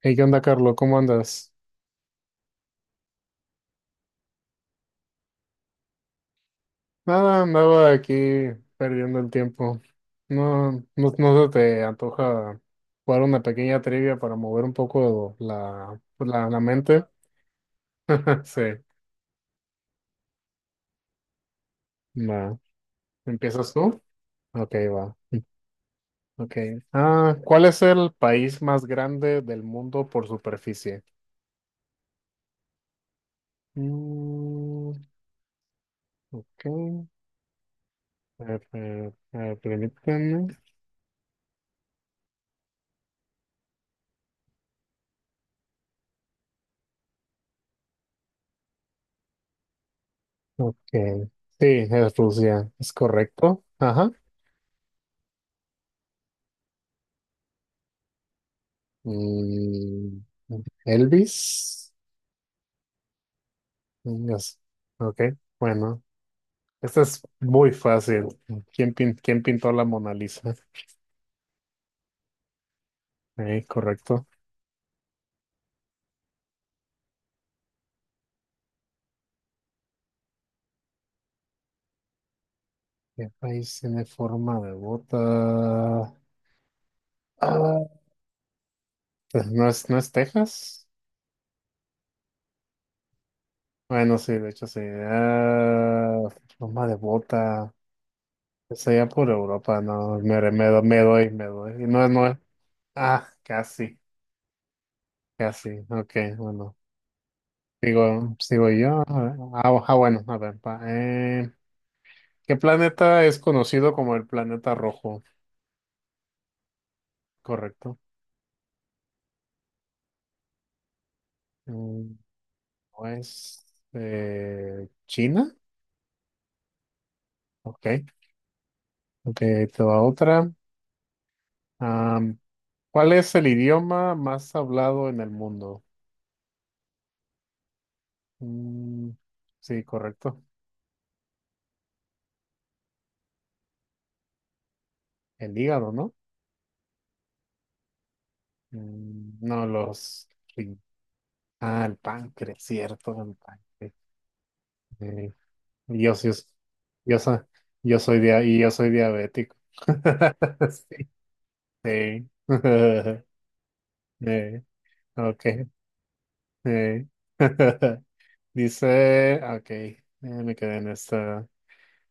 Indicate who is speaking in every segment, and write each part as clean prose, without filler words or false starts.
Speaker 1: Hey, ¿qué onda, Carlos? ¿Cómo andas? Nada, andaba aquí perdiendo el tiempo. No, no, no se te antoja jugar una pequeña trivia para mover un poco la mente. Sí, va. ¿Empiezas tú? Ok, va. Ok. ¿Cuál es el país más grande del mundo por superficie? Mm, ok. A ver, permíteme. Ok. Sí, es Rusia. Es correcto. Ajá. Mm, Elvis. Yes. Ok, bueno. Esta es muy fácil. ¿Quién pintó la Mona Lisa? Correcto. ¿Qué país tiene forma de bota? Ah, pues, ¿no es Texas? Bueno, sí, de hecho sí. Forma de bota. Es allá por Europa, no, me doy, me doy. No, no, casi, casi. Ok, bueno. Digo, sigo yo. A ver, bueno, a ver. ¿Qué planeta es conocido como el planeta rojo? Correcto. Mm, ¿No es China? Ok. Ok, ahí te va otra. Am, ¿Cuál es el idioma más hablado en el mundo? Mm, sí, correcto. El hígado, ¿no? No, sí. El páncreas, cierto, el páncreas. eh. Yo, sí- yo, soy, yo soy diabético. Sí. Sí. Eh, ok. eh. Dice, ok, me quedé en esta.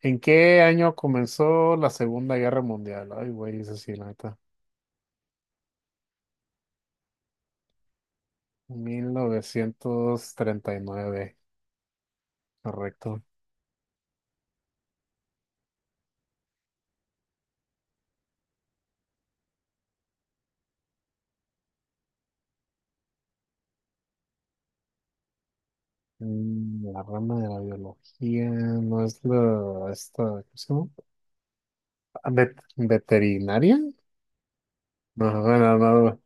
Speaker 1: ¿En qué año comenzó la Segunda Guerra Mundial? Ay, güey, eso sí, la neta. 1939. Correcto. La rama de la biología no es esta, ¿cómo se llama? ¿Veterinaria? No, bueno, no,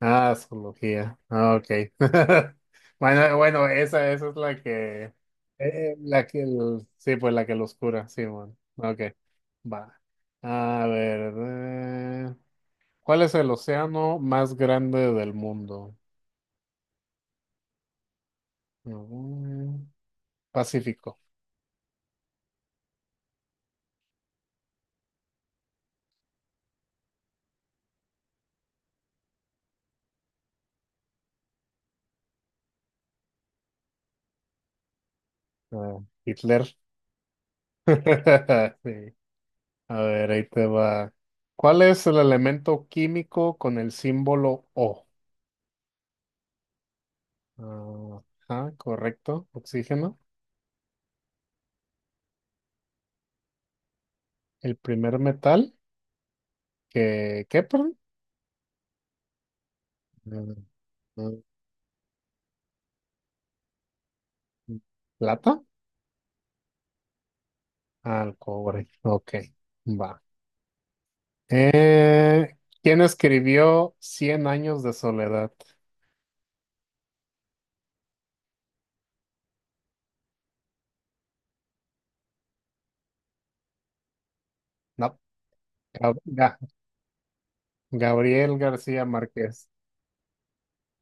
Speaker 1: Zoología. Ah, ok. Bueno, bueno, esa es la que, sí, pues la que los cura, sí, bueno. Ok, va. A ver, ¿cuál es el océano más grande del mundo? Mm, Pacífico. Ah, Hitler. Sí. A ver, ahí te va. ¿Cuál es el elemento químico con el símbolo O? Ah, ajá, correcto, oxígeno. El primer metal que, ¿qué, perdón? Mm, mm, ¿Plata? Al cobre. Ok, va. Eh, ¿Quién escribió Cien años de soledad? No, Gab- Ga- Gabriel García Márquez.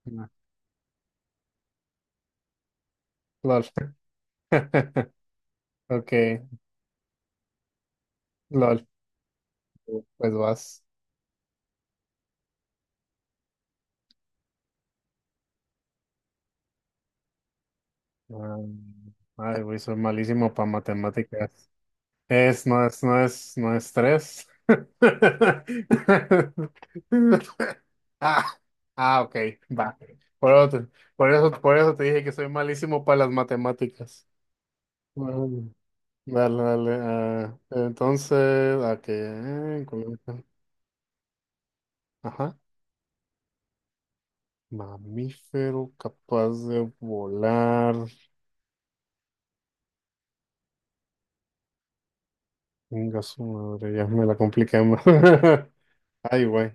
Speaker 1: No, LOL. Ok, LOL. Pues vas. Ah, Ay, güey, soy malísimo para matemáticas. No es tres. Ah, ok, va. Por otro- por eso te dije que soy malísimo para las matemáticas. Bueno, dale, dale. Entonces, ¿a qué? Ajá. Mamífero capaz de volar. Venga, su madre, ya me la compliqué más. Ay, güey.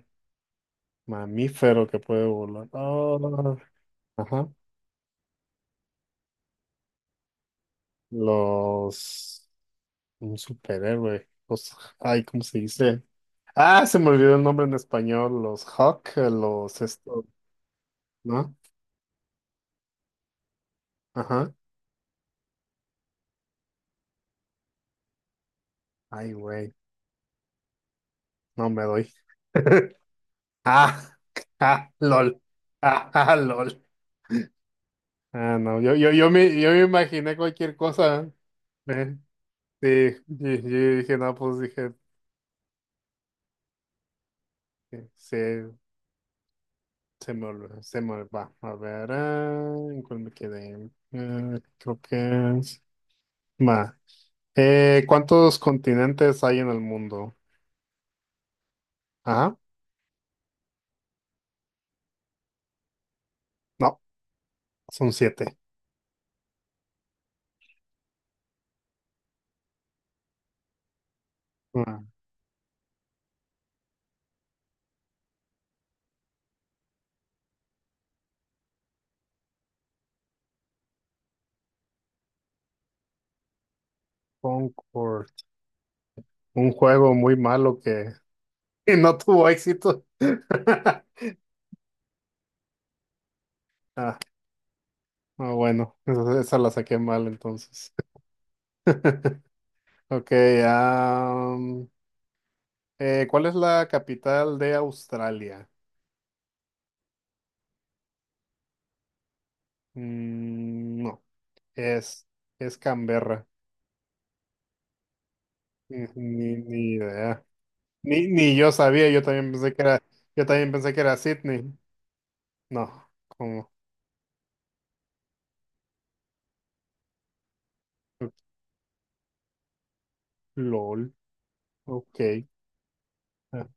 Speaker 1: Mamífero que puede volar. Ajá. Los... Un superhéroe. Ay, ¿cómo se dice? Se me olvidó el nombre en español. Los Hawk, los esto, ¿no? Ajá. Ay, güey, no me doy. Ah, lol. Lol. No, yo me imaginé cualquier cosa. Eh, sí, yo dije, no, pues dije, eh, se, se me olvidó, se me va. A ver, ¿en cuál me quedé? Creo que... Ma. ¿Cuántos continentes hay en el mundo? Ajá. No, son siete. Ah, Concord. Un juego muy malo que, que no tuvo éxito. Ah, bueno, esa la saqué mal entonces. Ok, am, ¿cuál es la capital de Australia? No, es, es Canberra. Ni idea. Ni yo sabía, yo también pensé que era Sydney. No, como LOL. Ok. Ah,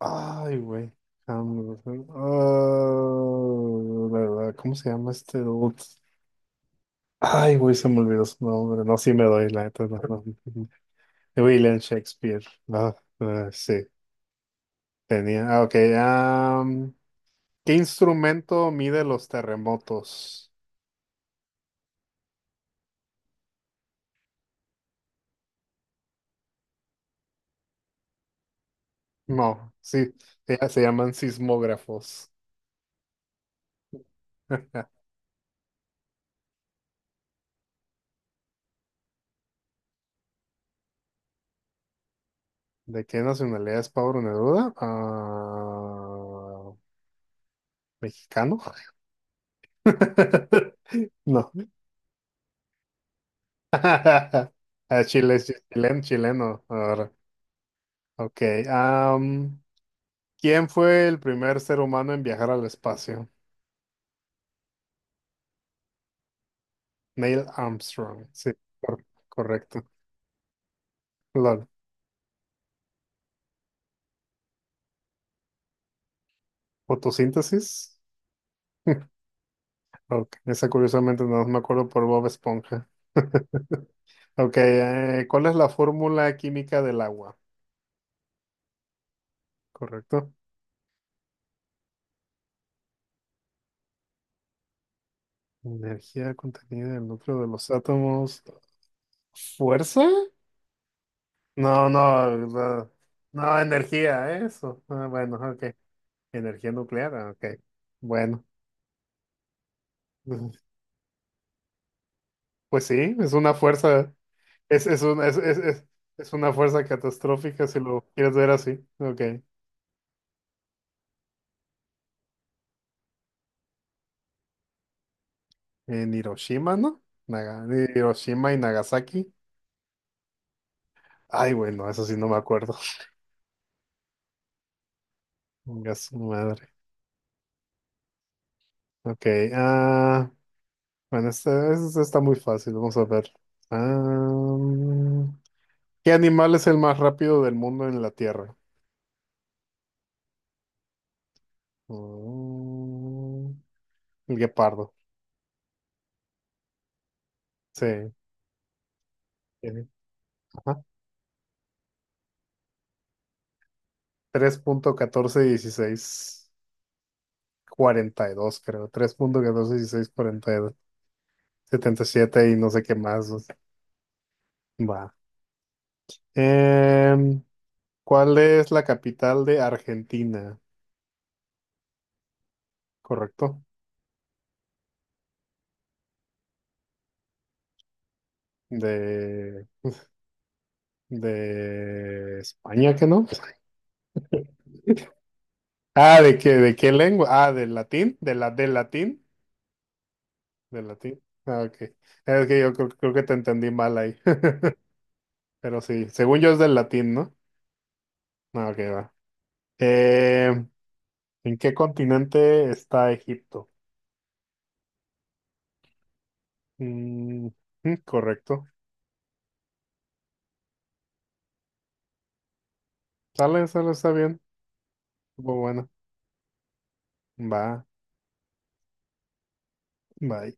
Speaker 1: ay, güey. Cambio. ¿Verdad? ¿Cómo se llama este dude? Ay, güey, se me olvidó su nombre. No, sí me doy la neta. No, no. William Shakespeare. Ah, sí, tenía. Ah, ok. ¿Qué instrumento mide los terremotos? No, sí, ya se llaman sismógrafos. ¿De qué nacionalidad es Pablo Neruda? ¿Mexicano? No. Chile, es chileno. Ahora. Ok. am, ¿quién fue el primer ser humano en viajar al espacio? Neil Armstrong. Sí, correcto. Lol. ¿Fotosíntesis? Ok, esa curiosamente no me acuerdo por Bob Esponja. Ok, ¿cuál es la fórmula química del agua? ¿Correcto? Energía contenida en el núcleo de los átomos. ¿Fuerza? No, no, no, no, energía, eso. Bueno, ok. Energía nuclear, ok. Bueno, pues pues sí, es una fuerza, es, un- es una fuerza catastrófica si lo quieres ver así. Ok. En Hiroshima, ¿no? Naga- Hiroshima y Nagasaki. Ay, bueno, eso sí no me acuerdo. Venga, su madre. Ok, ah, bueno, este está muy fácil, vamos a ver. Ah, ¿Qué animal es el más rápido del mundo en la Tierra? Mm, el guepardo. Sí. tiene, Ajá. 3.1416, 42 creo. 3.1416, 42. 77 y dos. 77 y no sé qué más. O sea. Va. Em, ¿Cuál es la capital de Argentina? Correcto. De, de España, ¿que no? ¿De qué lengua? Del latín, del latín. Ok. Es que yo creo que te entendí mal ahí. Pero sí, según yo es del latín, ¿no? No, ok, va. Eh, ¿En qué continente está Egipto? Mm, correcto. Sale, sale, está bien. Estuvo bueno. Va, va.